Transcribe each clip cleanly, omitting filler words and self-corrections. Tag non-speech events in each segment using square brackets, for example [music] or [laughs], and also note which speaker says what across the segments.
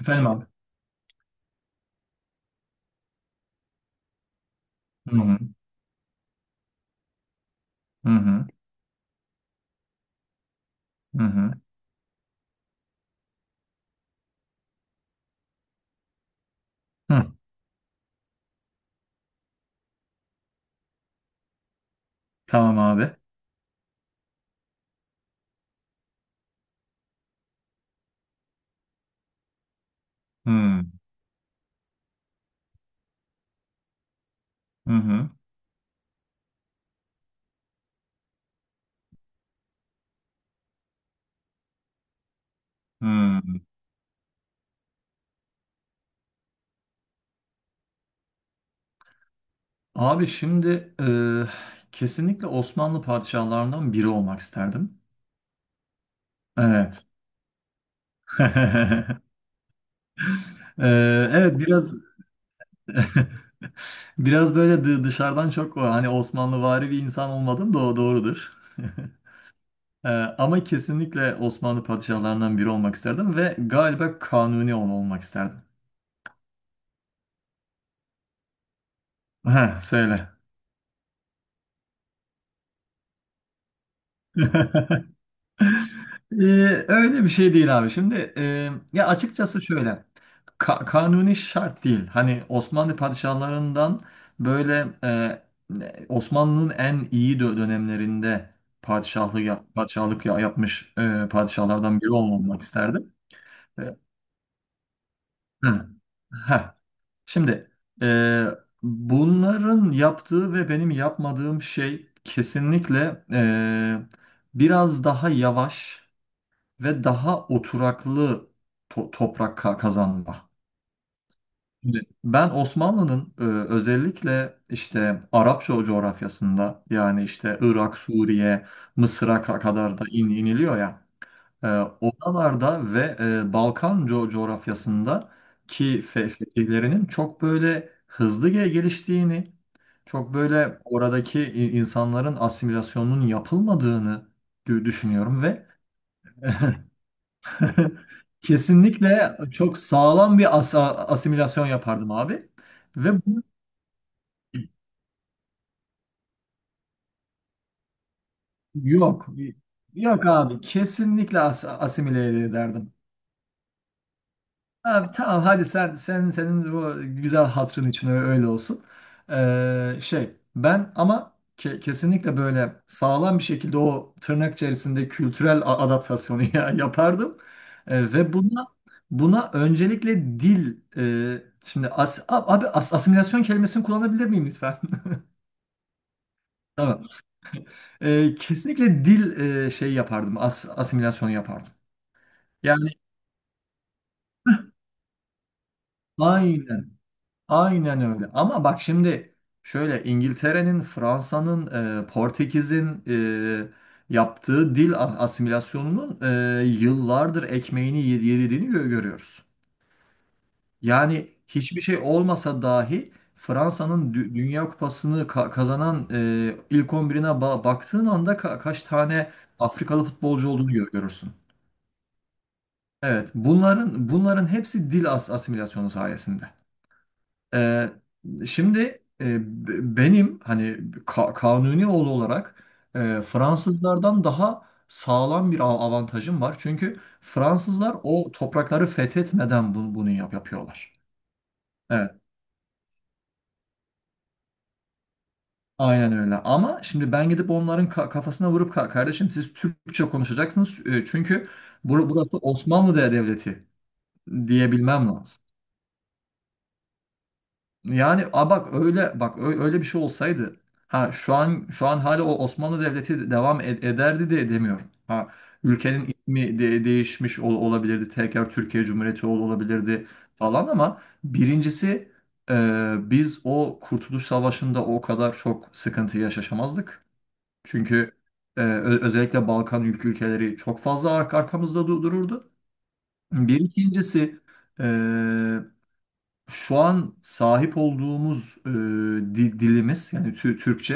Speaker 1: Efendim abi. Hı hı. Hı hı. Hı hı. Hı. Tamam abi. Hı. Hı hı. Hı. Abi şimdi kesinlikle Osmanlı padişahlarından biri olmak isterdim. Evet. [laughs] E, evet biraz [laughs] biraz böyle dışarıdan çok o, hani Osmanlıvari bir insan olmadım da o doğrudur. [laughs] E, Ama kesinlikle Osmanlı padişahlarından biri olmak isterdim ve galiba Kanuni olmak isterdim. Heh, söyle. [laughs] Ee, Öyle bir şey değil abi. Şimdi ya açıkçası şöyle kanuni şart değil. Hani Osmanlı padişahlarından böyle Osmanlı'nın en iyi dönemlerinde yapmış padişahlardan biri olmak isterdim. E, hı. Heh. Şimdi e, bunların yaptığı ve benim yapmadığım şey kesinlikle biraz daha yavaş ve daha oturaklı toprak kazanma. Şimdi ben Osmanlı'nın özellikle işte Arap coğrafyasında yani işte Irak, Suriye, Mısır'a kadar da iniliyor ya, e, oralarda ve Balkan coğrafyasında ki fetihlerinin çok böyle hızlı geliştiğini, çok böyle oradaki insanların asimilasyonunun yapılmadığını düşünüyorum ve [laughs] [laughs] kesinlikle çok sağlam bir asimilasyon yapardım abi. Ve bu- Yok. Yok abi. Kesinlikle asimile ederdim. Abi tamam, hadi sen senin bu güzel hatırın için öyle olsun. Şey, ben ama kesinlikle böyle sağlam bir şekilde o tırnak içerisinde kültürel adaptasyonu [laughs] ya yapardım. Ve buna öncelikle dil, şimdi abi asimilasyon kelimesini kullanabilir miyim lütfen? [laughs] Tamam. Kesinlikle dil şey yapardım. Asimilasyonu yapardım. Yani aynen. Aynen öyle. Ama bak şimdi şöyle İngiltere'nin, Fransa'nın, Portekiz'in yaptığı dil asimilasyonunun yıllardır ekmeğini yediğini görüyoruz. Yani hiçbir şey olmasa dahi Fransa'nın Dünya Kupası'nı kazanan ilk 11'ine baktığın anda kaç tane Afrikalı futbolcu olduğunu görürsün. Evet, bunların hepsi dil asimilasyonu sayesinde. Ee, Şimdi e, benim hani kanuni oğlu olarak Fransızlardan daha sağlam bir avantajım var. Çünkü Fransızlar o toprakları fethetmeden bunu yapıyorlar. Evet, aynen öyle. Ama şimdi ben gidip onların kafasına vurup Kardeşim siz Türkçe konuşacaksınız. Çünkü burası Osmanlı Devleti" diyebilmem lazım. Yani a bak öyle bak öyle bir şey olsaydı ha, şu an hala o Osmanlı Devleti devam ederdi de demiyorum. Ha, ülkenin ismi değişmiş olabilirdi. Tekrar Türkiye Cumhuriyeti olabilirdi falan ama birincisi biz o Kurtuluş Savaşı'nda o kadar çok sıkıntı yaşamazdık. Çünkü özellikle Balkan ülkeleri çok fazla arkamızda dururdu. Bir ikincisi, şu an sahip olduğumuz dilimiz yani Türkçe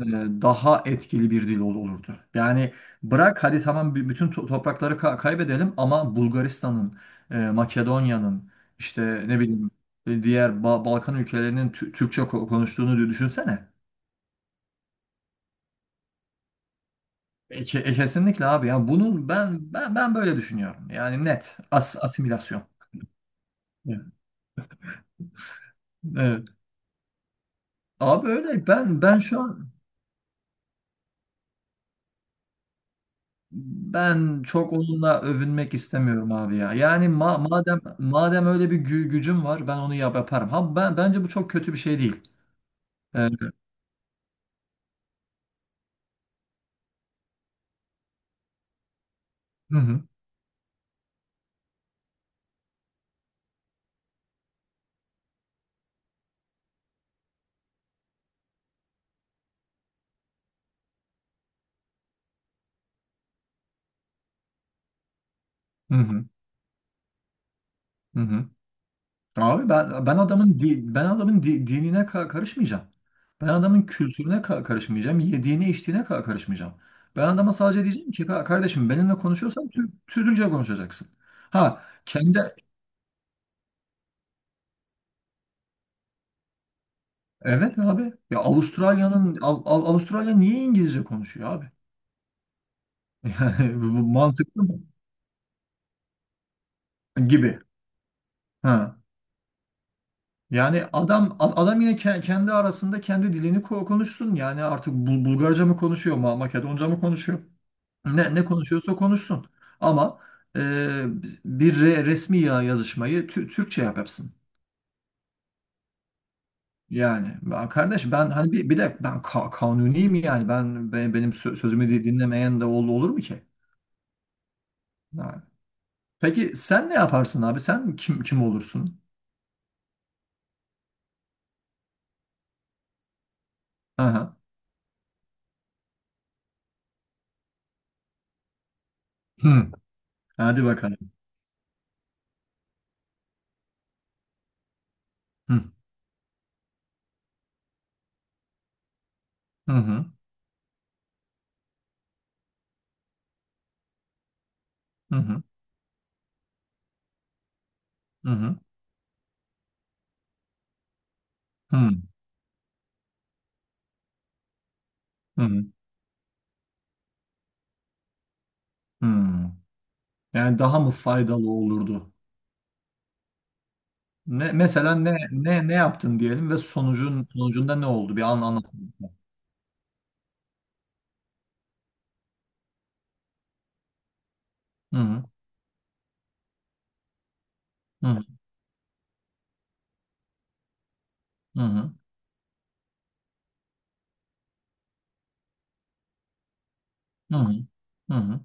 Speaker 1: e, daha etkili bir dil olurdu. Yani bırak, hadi tamam bütün toprakları kaybedelim ama Bulgaristan'ın, Makedonya'nın işte, ne bileyim, diğer Balkan ülkelerinin Türkçe konuştuğunu düşünsene. Kesinlikle abi ya, bunun ben böyle düşünüyorum. Yani net asimilasyon. Evet. Evet. Abi öyle, ben şu an ben çok onunla övünmek istemiyorum abi ya. Yani ma- madem öyle bir gücüm var, ben onu yaparım. Ha, ben bence bu çok kötü bir şey değil. Ee, hı hı. Hı hı. Hı hı. Abi ben adamın dinine karışmayacağım. Ben adamın kültürüne karışmayacağım. Yediğine içtiğine karışmayacağım. Ben adama sadece diyeceğim ki Kardeşim benimle konuşuyorsan Türkçe konuşacaksın." Ha kendi, evet abi ya, Avustralya'nın Avustralya niye İngilizce konuşuyor abi? Yani [laughs] bu mantıklı mı? Gibi. Ha. Yani adam adam yine kendi arasında kendi dilini konuşsun. Yani artık Bulgarca mı konuşuyor, Makedonca mı konuşuyor? Ne ne konuşuyorsa konuşsun. Ama e, bir resmi yazışmayı Türkçe yapsın. Yani ben, kardeş, ben hani bir de ben kanuniyim, yani ben, benim sözümü dinlemeyen de olur mu ki? Yani. Peki sen ne yaparsın abi? Sen kim olursun? Aha. Hı. Hadi bakalım. Hı. Hı hı. Hı hı. Hı hı. Hı hı. Hı. Yani daha mı faydalı olurdu? Ne mesela, ne yaptın diyelim ve sonucunda ne oldu? Bir anlat. Hı hı. Hı hı. Hı hı. Hı hı. Hı hı.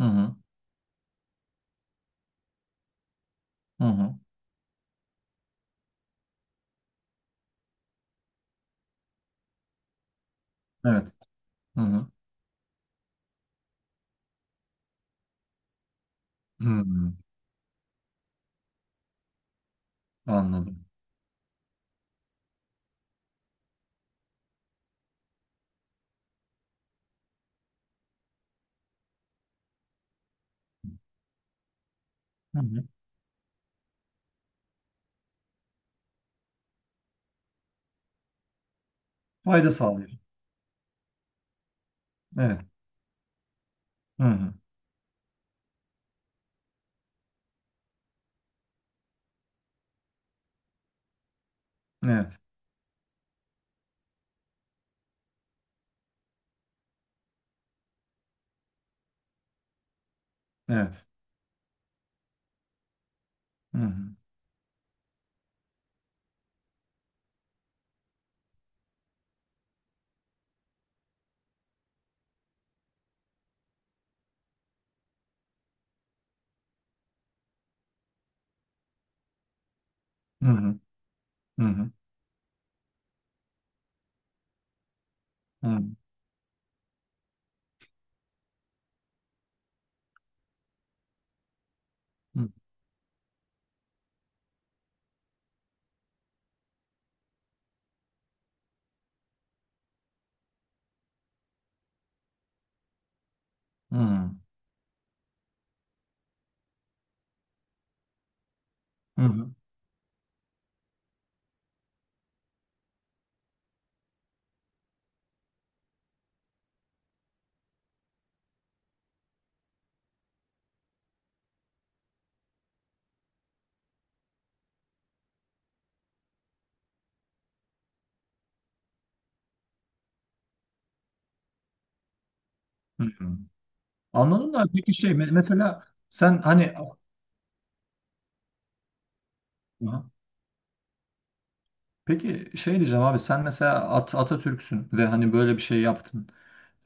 Speaker 1: Hı hı. Hı hı. Evet. Hı hı. Hı hı. Anladım. Hı hı. Fayda sağlıyor. Evet. Hı hı. Evet. Evet. Hı hı. Hı hı. Hı hı. Hı hı. Hı hı. Hı hı. Hı hı. Anladım, da peki şey, mesela sen hani, peki şey diyeceğim abi, sen mesela Atatürk'sün ve hani böyle bir şey yaptın.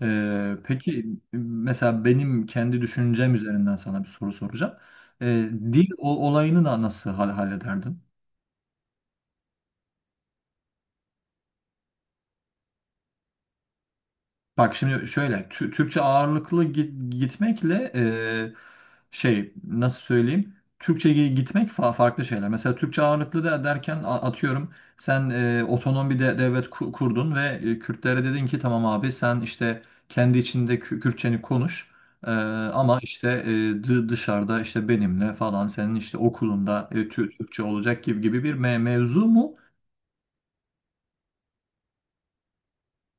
Speaker 1: Peki, mesela benim kendi düşüncem üzerinden sana bir soru soracağım. Dil olayını da nasıl hallederdin? Bak şimdi şöyle, Türkçe ağırlıklı gitmekle şey, nasıl söyleyeyim, Türkçe gitmek farklı şeyler. Mesela Türkçe ağırlıklı da derken atıyorum, sen otonom bir devlet kurdun ve Kürtlere dedin ki tamam abi, sen işte kendi içinde Kürtçeni konuş. E, Ama işte dışarıda işte benimle falan, senin işte okulunda Türkçe olacak, gibi bir mevzu mu?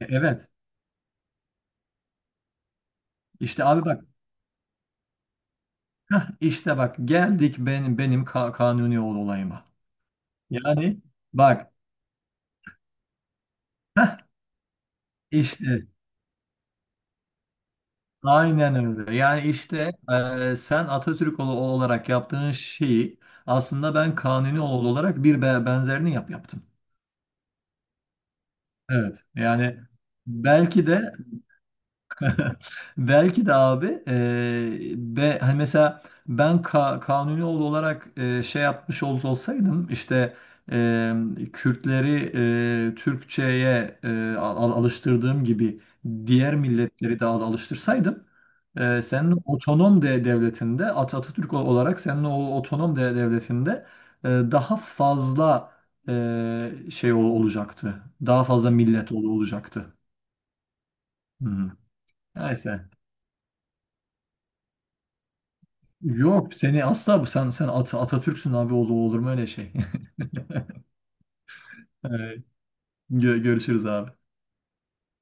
Speaker 1: Evet. İşte abi bak, heh, işte bak, geldik benim kanuni olayıma. Yani bak, heh, işte aynen öyle. Yani işte sen Atatürk olarak yaptığın şeyi aslında ben kanuni olarak bir benzerini yaptım. Evet. Yani belki de [laughs] belki de abi, hani mesela ben kanuni oğlu olarak, şey yapmış olsaydım işte eee, Kürtleri Türkçe'ye alıştırdığım gibi diğer milletleri de alıştırsaydım, senin otonom devletinde, Atatürk olarak senin o otonom devletinde daha fazla şey olacaktı. Daha fazla millet olacaktı. Hı hı. Neyse. Yok, seni asla, bu, sen Atatürk'sün abi, olur mu öyle şey? [laughs] Evet, görüşürüz abi.